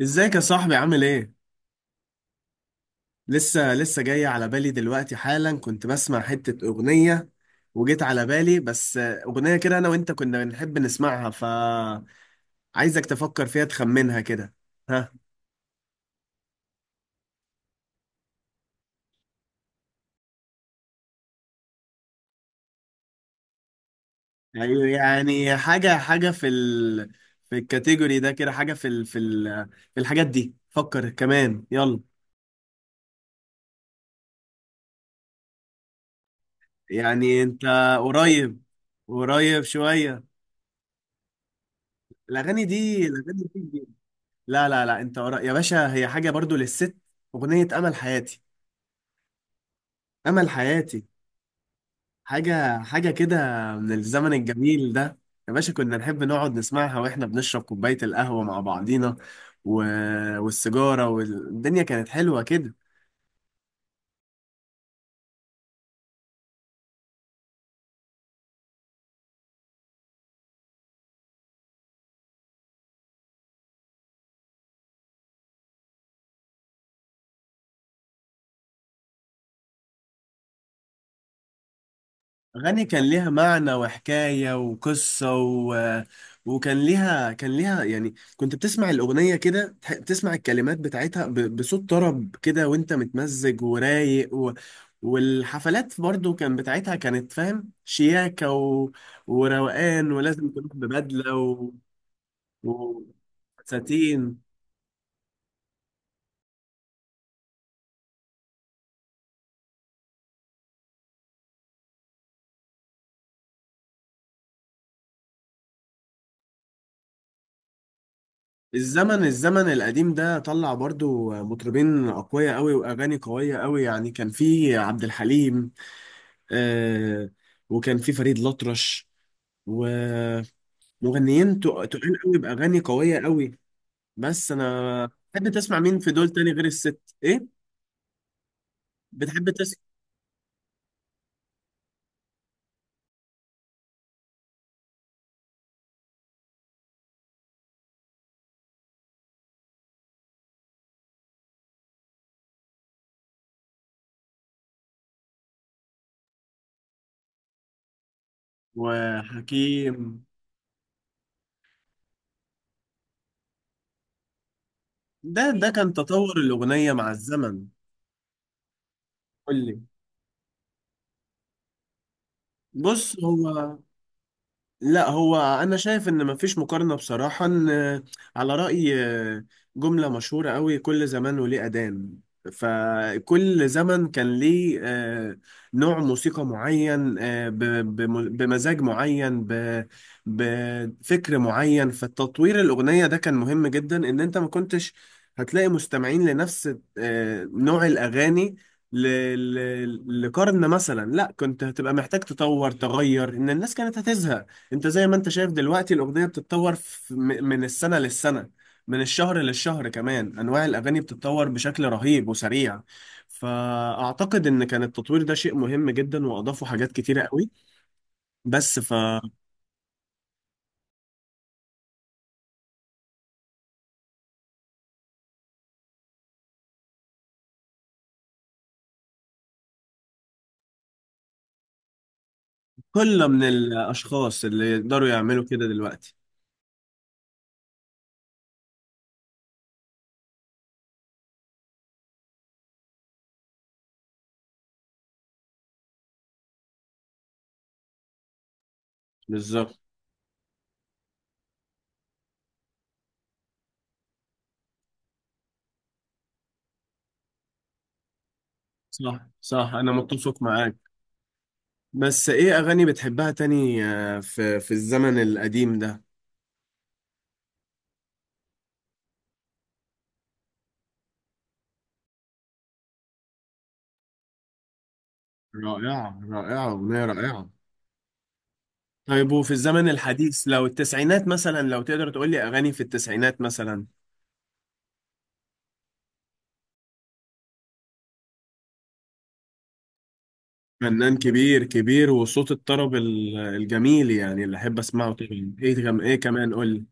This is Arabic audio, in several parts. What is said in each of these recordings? ازيك يا صاحبي عامل ايه؟ لسه جاي على بالي دلوقتي حالا كنت بسمع حتة أغنية وجيت على بالي بس أغنية كده أنا وأنت كنا بنحب نسمعها فعايزك تفكر فيها تخمنها كده ها. يعني يعني حاجة في ال في الكاتيجوري ده كده حاجة في الحاجات دي فكر كمان يلا. يعني أنت قريب، قريب شوية. الأغاني دي. لا لا لا، انت قرا يا باشا، هي حاجه برضو للست. اغنيه امل حياتي، امل حياتي. حاجه حاجه كده من الزمن الجميل ده، يا باشا كنا نحب نقعد نسمعها واحنا بنشرب كوبايه القهوه مع بعضينا و... والسيجاره، والدنيا كانت حلوه كده. أغاني كان ليها معنى وحكاية وقصة وكان ليها يعني كنت بتسمع الأغنية كده بتسمع الكلمات بتاعتها بصوت طرب كده، وأنت متمزج ورايق والحفلات برضو كان بتاعتها كانت فاهم شياكة وروقان، ولازم تروح ببدلة و... ساتين. الزمن القديم ده طلع برضو مطربين أقوياء أوي وأغاني قوية أوي، يعني كان في عبد الحليم آه، وكان في فريد الأطرش ومغنيين تقال قوي بأغاني قوية قوي. بس أنا بتحب تسمع مين في دول تاني غير الست إيه؟ بتحب تسمع وحكيم؟ ده ده كان تطور الأغنية مع الزمن. قول لي. بص هو، لا هو انا شايف ان مفيش مقارنه بصراحه. ان على راي جمله مشهوره قوي، كل زمان وليه اذان. فكل زمن كان ليه نوع موسيقى معين، بمزاج معين، بفكر معين، فالتطوير الاغنيه ده كان مهم جدا، ان انت ما كنتش هتلاقي مستمعين لنفس نوع الاغاني ل- لقرن مثلا. لا كنت هتبقى محتاج تطور تغير، ان الناس كانت هتزهق. انت زي ما انت شايف دلوقتي الاغنيه بتتطور من السنه للسنه، من الشهر للشهر كمان، انواع الاغاني بتتطور بشكل رهيب وسريع. فاعتقد ان كان التطوير ده شيء مهم جدا، واضافوا حاجات كتيره قوي، بس فقله. من الاشخاص اللي يقدروا يعملوا كده دلوقتي؟ بالظبط. صح صح، انا متفق معاك. بس ايه اغاني بتحبها تاني في في الزمن القديم ده؟ رائعه، رائعه، اغنيه رائعه. طيب، وفي الزمن الحديث، لو التسعينات مثلا، لو تقدر تقول لي أغاني في التسعينات مثلا؟ فنان كبير كبير وصوت الطرب الجميل، يعني اللي أحب أسمعه طبعا. إيه كم إيه كمان، قول لي.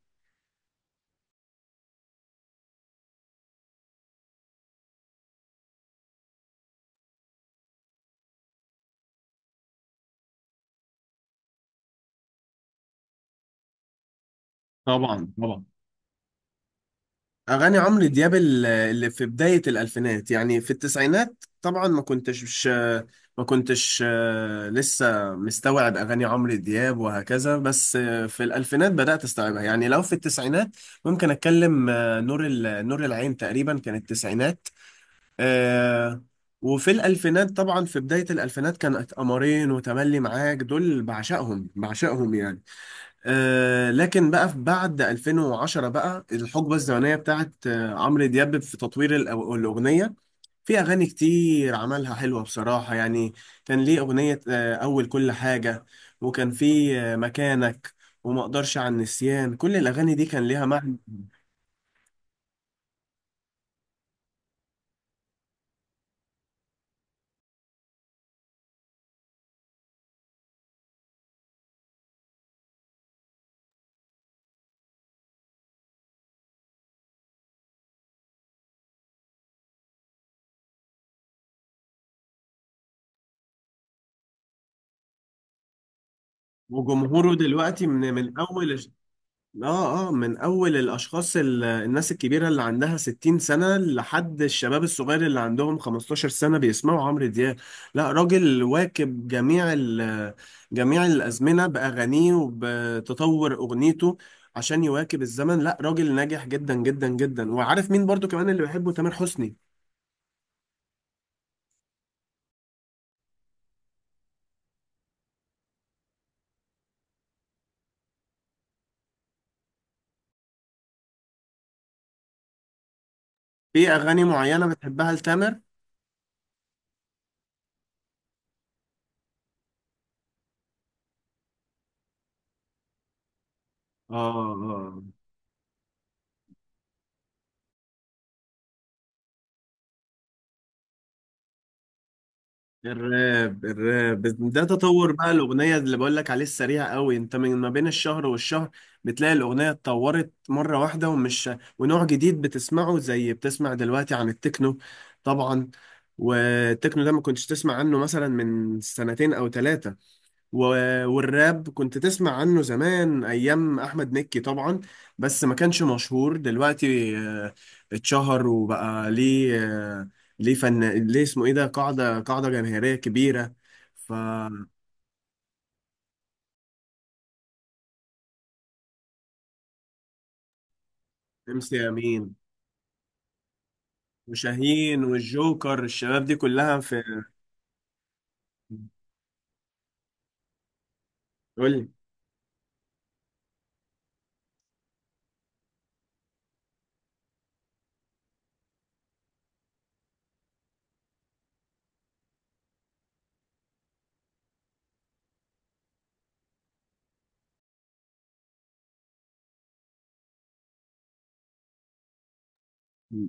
طبعا طبعا، أغاني عمرو دياب اللي في بداية الألفينات، يعني في التسعينات طبعا ما كنتش مش، ما كنتش لسه مستوعب أغاني عمرو دياب وهكذا. بس في الألفينات بدأت أستوعبها. يعني لو في التسعينات ممكن أتكلم نور نور العين، تقريبا كانت التسعينات آه. وفي الألفينات طبعا في بداية الألفينات كانت قمرين وتملي معاك، دول بعشقهم بعشقهم يعني. آه لكن بقى في بعد 2010 بقى الحقبة الزمنية بتاعت آه عمرو دياب في تطوير الأغنية، في أغاني كتير عملها حلوة بصراحة يعني. كان ليه أغنية آه أول كل حاجة، وكان في آه مكانك، وما اقدرش عن النسيان، كل الأغاني دي كان ليها معنى. وجمهوره دلوقتي من من أول. اه اه، من اول الاشخاص الناس الكبيره اللي عندها 60 سنه، لحد الشباب الصغير اللي عندهم 15 سنه بيسمعوا عمرو دياب. لا راجل واكب جميع الازمنه باغانيه، وبتطور اغنيته عشان يواكب الزمن. لا راجل ناجح جدا جدا جدا. وعارف مين برضو كمان اللي بحبه؟ تامر حسني. في اغاني معينه بتحبها لتامر؟ اه اه. الراب، الراب ده تطور بقى الأغنية اللي بقول لك عليه، السريع قوي انت من ما بين الشهر والشهر بتلاقي الأغنية اتطورت مرة واحدة. ومش ونوع جديد بتسمعه، زي بتسمع دلوقتي عن التكنو. طبعا. والتكنو ده ما كنتش تسمع عنه مثلا من سنتين أو ثلاثة. والراب كنت تسمع عنه زمان ايام احمد مكي طبعا، بس ما كانش مشهور. دلوقتي اتشهر وبقى ليه آه، ليه فن، ليه اسمه ايه ده، قاعدة قاعدة جماهيرية كبيرة. ف ام سي امين وشاهين والجوكر، الشباب دي كلها في. قول لي.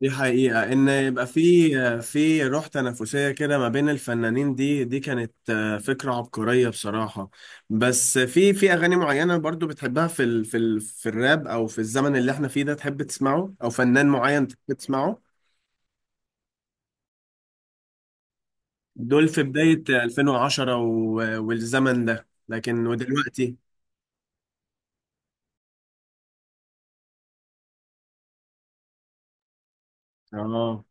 دي حقيقة، إن يبقى في في روح تنافسية كده ما بين الفنانين، دي دي كانت فكرة عبقرية بصراحة. بس في في أغاني معينة برضو بتحبها في ال في ال في الراب، أو في الزمن اللي احنا فيه ده تحب تسمعه، أو فنان معين تحب تسمعه؟ دول في بداية 2010 والزمن ده، لكن ودلوقتي؟ آه،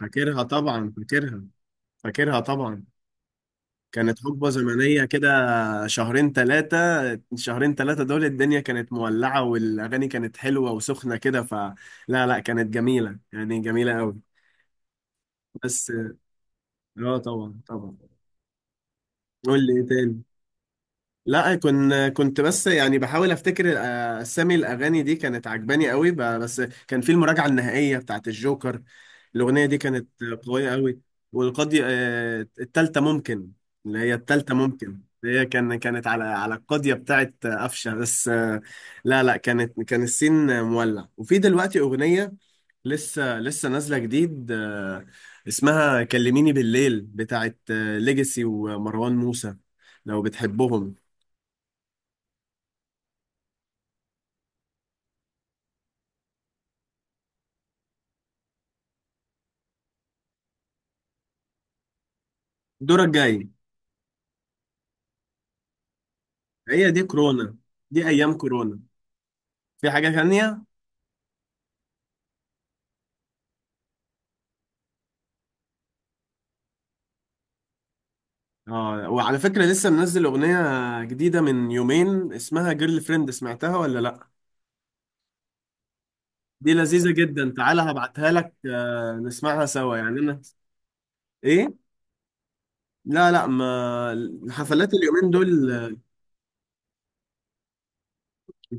فاكرها طبعا، فاكرها، فاكرها طبعا. كانت حقبة زمنية كده، شهرين ثلاثة، شهرين ثلاثة دول الدنيا كانت مولعة، والأغاني كانت حلوة وسخنة كده. فلا لا لا، كانت جميلة يعني، جميلة قوي. بس اه طبعا طبعا. قول لي ايه تاني. لا كنت كنت بس يعني بحاول افتكر اسامي الاغاني دي كانت عجباني قوي بس. كان في المراجعه النهائيه بتاعت الجوكر، الاغنيه دي كانت قويه قوي. والقاضي التالتة ممكن، اللي هي التالتة ممكن، هي كان كانت على على القاضيه بتاعت قفشه. بس لا لا، كانت كان السين مولع. وفي دلوقتي اغنيه لسه نازله جديد اسمها كلميني بالليل بتاعت ليجاسي ومروان موسى، لو بتحبهم. الدور الجاي. هي دي كورونا، دي ايام كورونا. في حاجة تانية؟ اه، وعلى فكرة لسه منزل اغنية جديدة من يومين اسمها جيرل فريند، سمعتها ولا لا؟ دي لذيذة جدا، تعالى هبعتها لك نسمعها سوا يعني انا. ايه؟ لا لا، ما الحفلات اليومين دول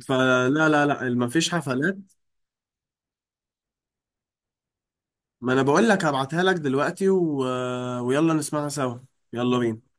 فلا لا لا، ما فيش حفلات. ما انا بقول لك هبعتها لك دلوقتي و... آه، ويلا نسمعها سوا. يلا بينا.